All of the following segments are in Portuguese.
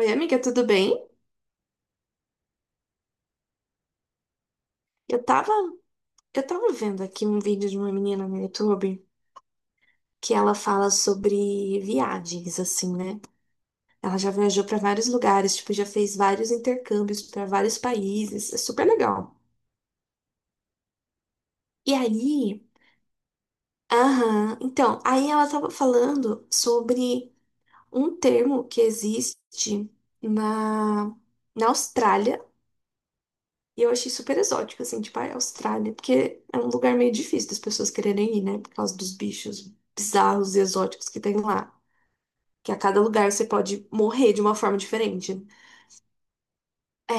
Oi, amiga, tudo bem? Eu tava, eu tava vendo aqui um vídeo de uma menina no YouTube que ela fala sobre viagens, assim, né? Ela já viajou pra vários lugares, tipo, já fez vários intercâmbios pra vários países, é super legal. E aí, aham, então, aí ela tava falando sobre um termo que existe na, na Austrália. E eu achei super exótico, assim, tipo, a Austrália, porque é um lugar meio difícil das pessoas quererem ir, né? Por causa dos bichos bizarros e exóticos que tem lá. Que a cada lugar você pode morrer de uma forma diferente. É...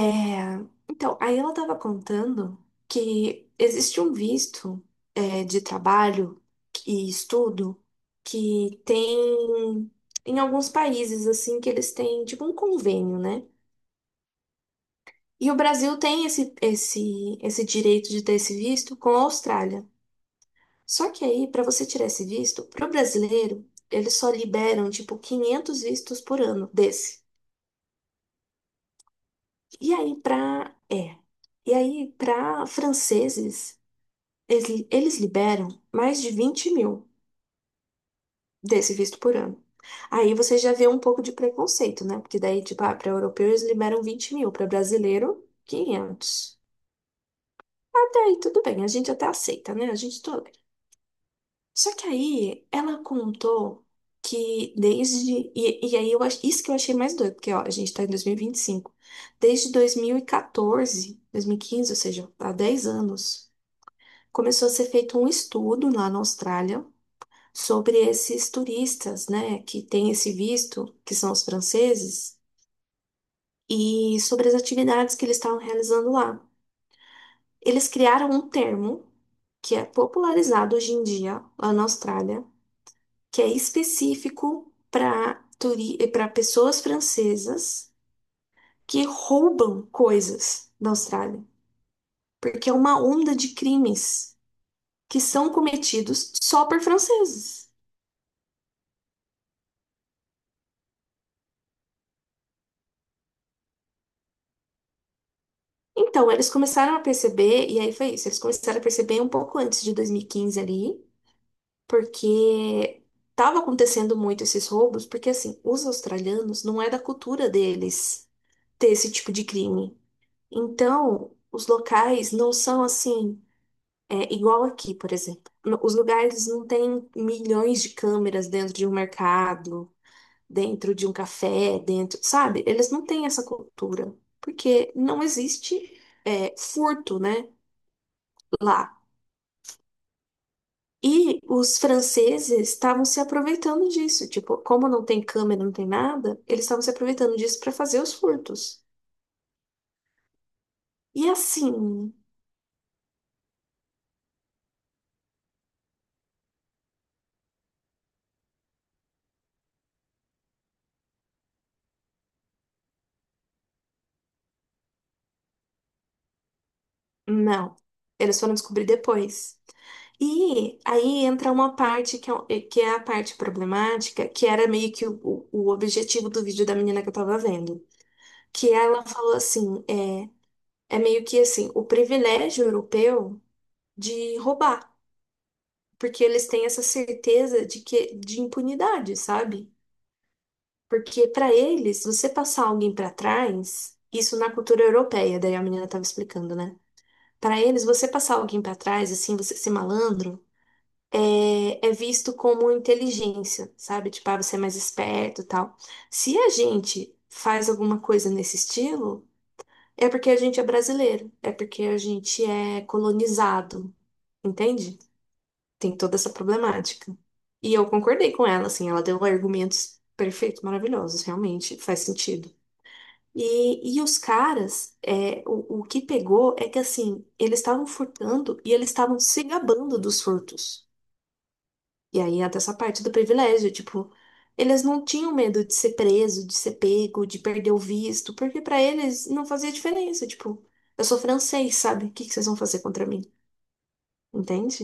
Então, aí ela tava contando que existe um visto, de trabalho e estudo que tem em alguns países, assim, que eles têm, tipo, um convênio, né? E o Brasil tem esse direito de ter esse visto com a Austrália. Só que aí, para você tirar esse visto, pro brasileiro, eles só liberam tipo 500 vistos por ano desse. E aí para é. E aí para franceses, eles liberam mais de 20 mil desse visto por ano. Aí você já vê um pouco de preconceito, né? Porque daí, tipo, ah, para europeu eles liberam 20 mil, para brasileiro, 500. Até aí tudo bem, a gente até aceita, né? A gente tolera. Só que aí ela contou que desde. E aí isso que eu achei mais doido, porque ó, a gente tá em dois mil e vinte e cinco. Desde dois mil e quatorze, 2015, ou seja, há 10 anos, começou a ser feito um estudo lá na Austrália sobre esses turistas, né, que têm esse visto, que são os franceses, e sobre as atividades que eles estavam realizando lá. Eles criaram um termo que é popularizado hoje em dia lá na Austrália que é específico para turi para pessoas francesas que roubam coisas da Austrália, porque é uma onda de crimes que são cometidos só por franceses. Então, eles começaram a perceber, e aí foi isso, eles começaram a perceber um pouco antes de 2015 ali, porque estava acontecendo muito esses roubos, porque assim, os australianos não é da cultura deles ter esse tipo de crime. Então, os locais não são assim. É igual aqui, por exemplo. Os lugares não têm milhões de câmeras dentro de um mercado, dentro de um café, dentro, sabe? Eles não têm essa cultura, porque não existe furto, né, lá. E os franceses estavam se aproveitando disso. Tipo, como não tem câmera, não tem nada, eles estavam se aproveitando disso para fazer os furtos. E assim, Não. Eles foram descobrir depois. E aí entra uma parte que é a parte problemática, que era meio que o objetivo do vídeo da menina que eu tava vendo. Que ela falou assim, é meio que assim, o privilégio europeu de roubar. Porque eles têm essa certeza de impunidade, sabe? Porque pra eles, você passar alguém pra trás, isso na cultura europeia, daí a menina tava explicando, né? Pra eles, você passar alguém pra trás, assim, você ser malandro, é visto como inteligência, sabe? Tipo, ah, você é mais esperto e tal. Se a gente faz alguma coisa nesse estilo, é porque a gente é brasileiro, é porque a gente é colonizado, entende? Tem toda essa problemática. E eu concordei com ela, assim, ela deu argumentos perfeitos, maravilhosos, realmente faz sentido. E os caras, o que pegou é que assim, eles estavam furtando e eles estavam se gabando dos furtos. E aí entra essa parte do privilégio, tipo, eles não tinham medo de ser preso, de ser pego, de perder o visto, porque pra eles não fazia diferença, tipo, eu sou francês, sabe? O que que vocês vão fazer contra mim? Entende?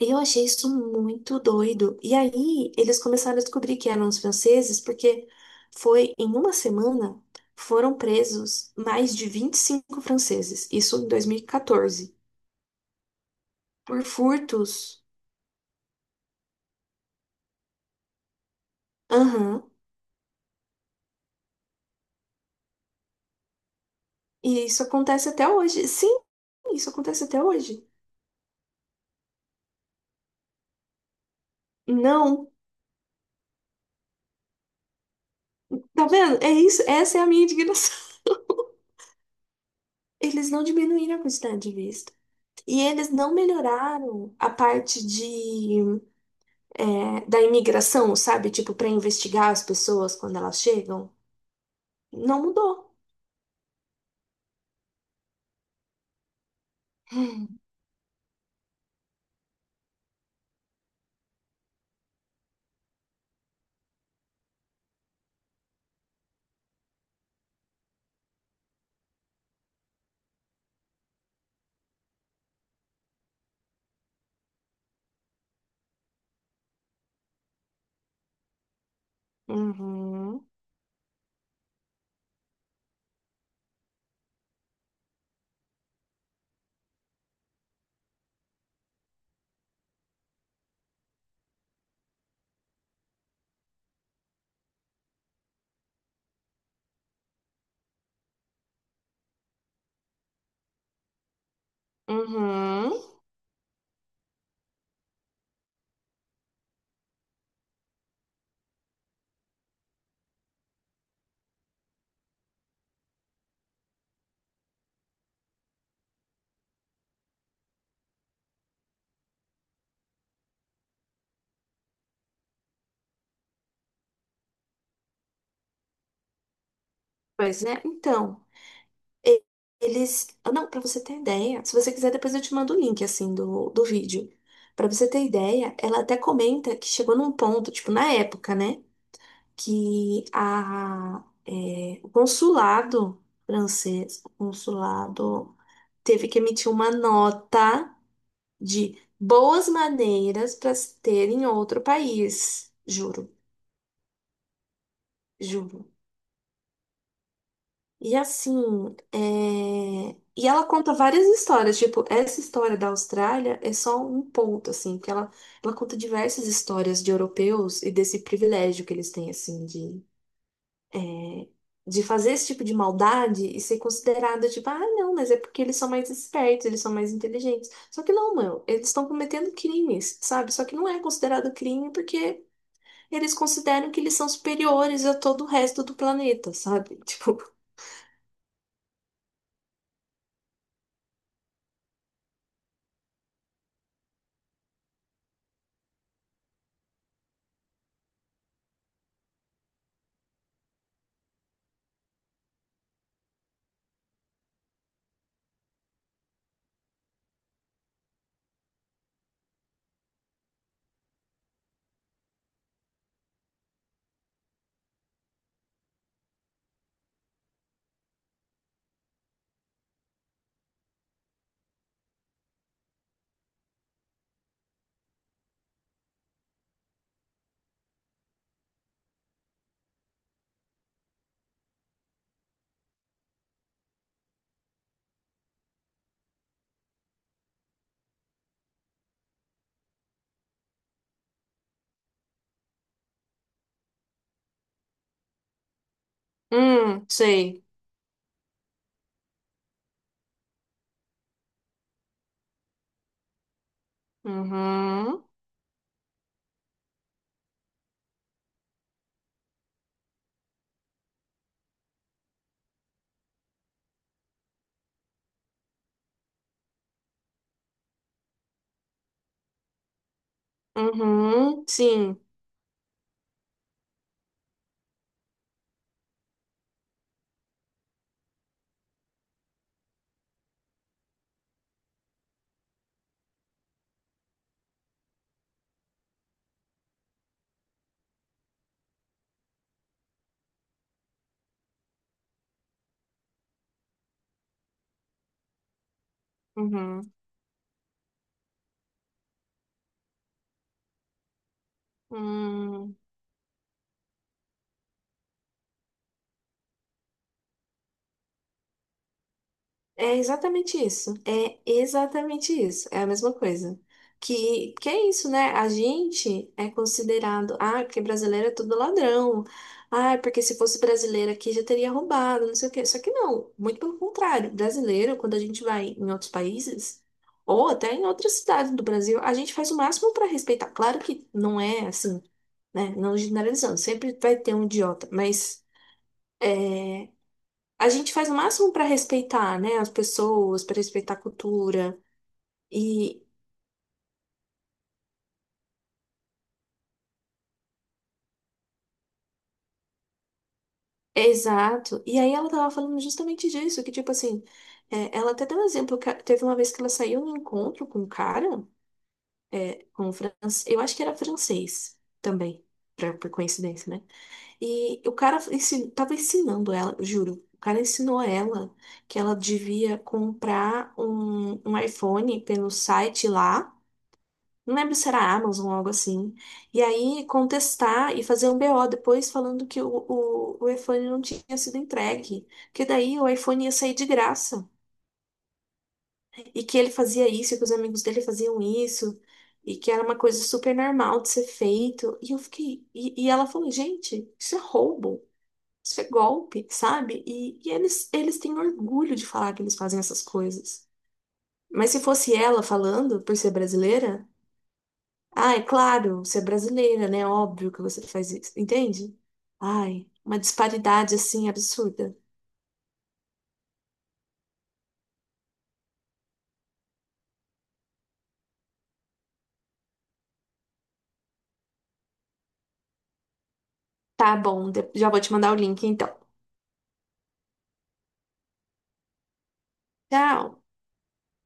E eu achei isso muito doido. E aí eles começaram a descobrir que eram os franceses, porque foi em uma semana foram presos mais de 25 franceses, isso em 2014, por furtos. Aham. E isso acontece até hoje. Sim, isso acontece até hoje. Não. Tá vendo? É isso. Essa é a minha indignação. Eles não diminuíram a quantidade de visto. E eles não melhoraram a parte da imigração, sabe? Tipo, para investigar as pessoas quando elas chegam. Não mudou. Hum. Uhum, uhum. Pois é, então. E- Não, pra você ter ideia, se você quiser, depois eu te mando o link, assim, do vídeo. Pra você ter ideia, ela até comenta que chegou num ponto, tipo, na época, né? O consulado francês, teve que emitir uma nota de boas maneiras para se ter em outro país. Juro, juro. E assim, é, e ela conta várias histórias, tipo, essa história da Austrália é só um ponto, assim, porque ela conta diversas histórias de europeus e desse privilégio que eles têm, assim, de fazer esse tipo de maldade e ser considerada, tipo, ah, não, mas é porque eles são mais espertos, eles são mais inteligentes. Só que não, mano, eles estão cometendo crimes, sabe? Só que não é considerado crime porque eles consideram que eles são superiores a todo o resto do planeta, sabe? Tipo, sei. Uhum. Uhum, sim. Uhum. Hum, é exatamente isso. É exatamente isso. É a mesma coisa. Que é isso, né? A gente é considerado, ah, porque brasileiro é tudo ladrão. Ah, porque se fosse brasileiro aqui já teria roubado, não sei o quê. Só que não, muito pelo contrário. Brasileiro, quando a gente vai em outros países, ou até em outras cidades do Brasil, a gente faz o máximo para respeitar. Claro que não é assim, né? Não generalizando, sempre vai ter um idiota, mas. A gente faz o máximo para respeitar, né, as pessoas, para respeitar a cultura. E é exato. E aí ela tava falando justamente disso, que tipo assim, ela até deu um exemplo, teve uma vez que ela saiu num encontro com um cara, com um francês, eu acho que era francês também, por coincidência, né? E o cara tava ensinando ela, eu juro. O cara ensinou ela que ela devia comprar um iPhone pelo site lá. Não lembro se era Amazon ou algo assim. E aí contestar e fazer um BO depois falando que o iPhone não tinha sido entregue. Que daí o iPhone ia sair de graça. E que ele fazia isso, e que os amigos dele faziam isso. E que era uma coisa super normal de ser feito. E eu fiquei. E ela falou, gente, isso é roubo. Isso é golpe, sabe? E eles têm orgulho de falar que eles fazem essas coisas. Mas se fosse ela falando, por ser brasileira. Ah, é claro, você é brasileira, né? Óbvio que você faz isso, entende? Ai, uma disparidade assim absurda. Tá bom, já vou te mandar o link então. Tchau!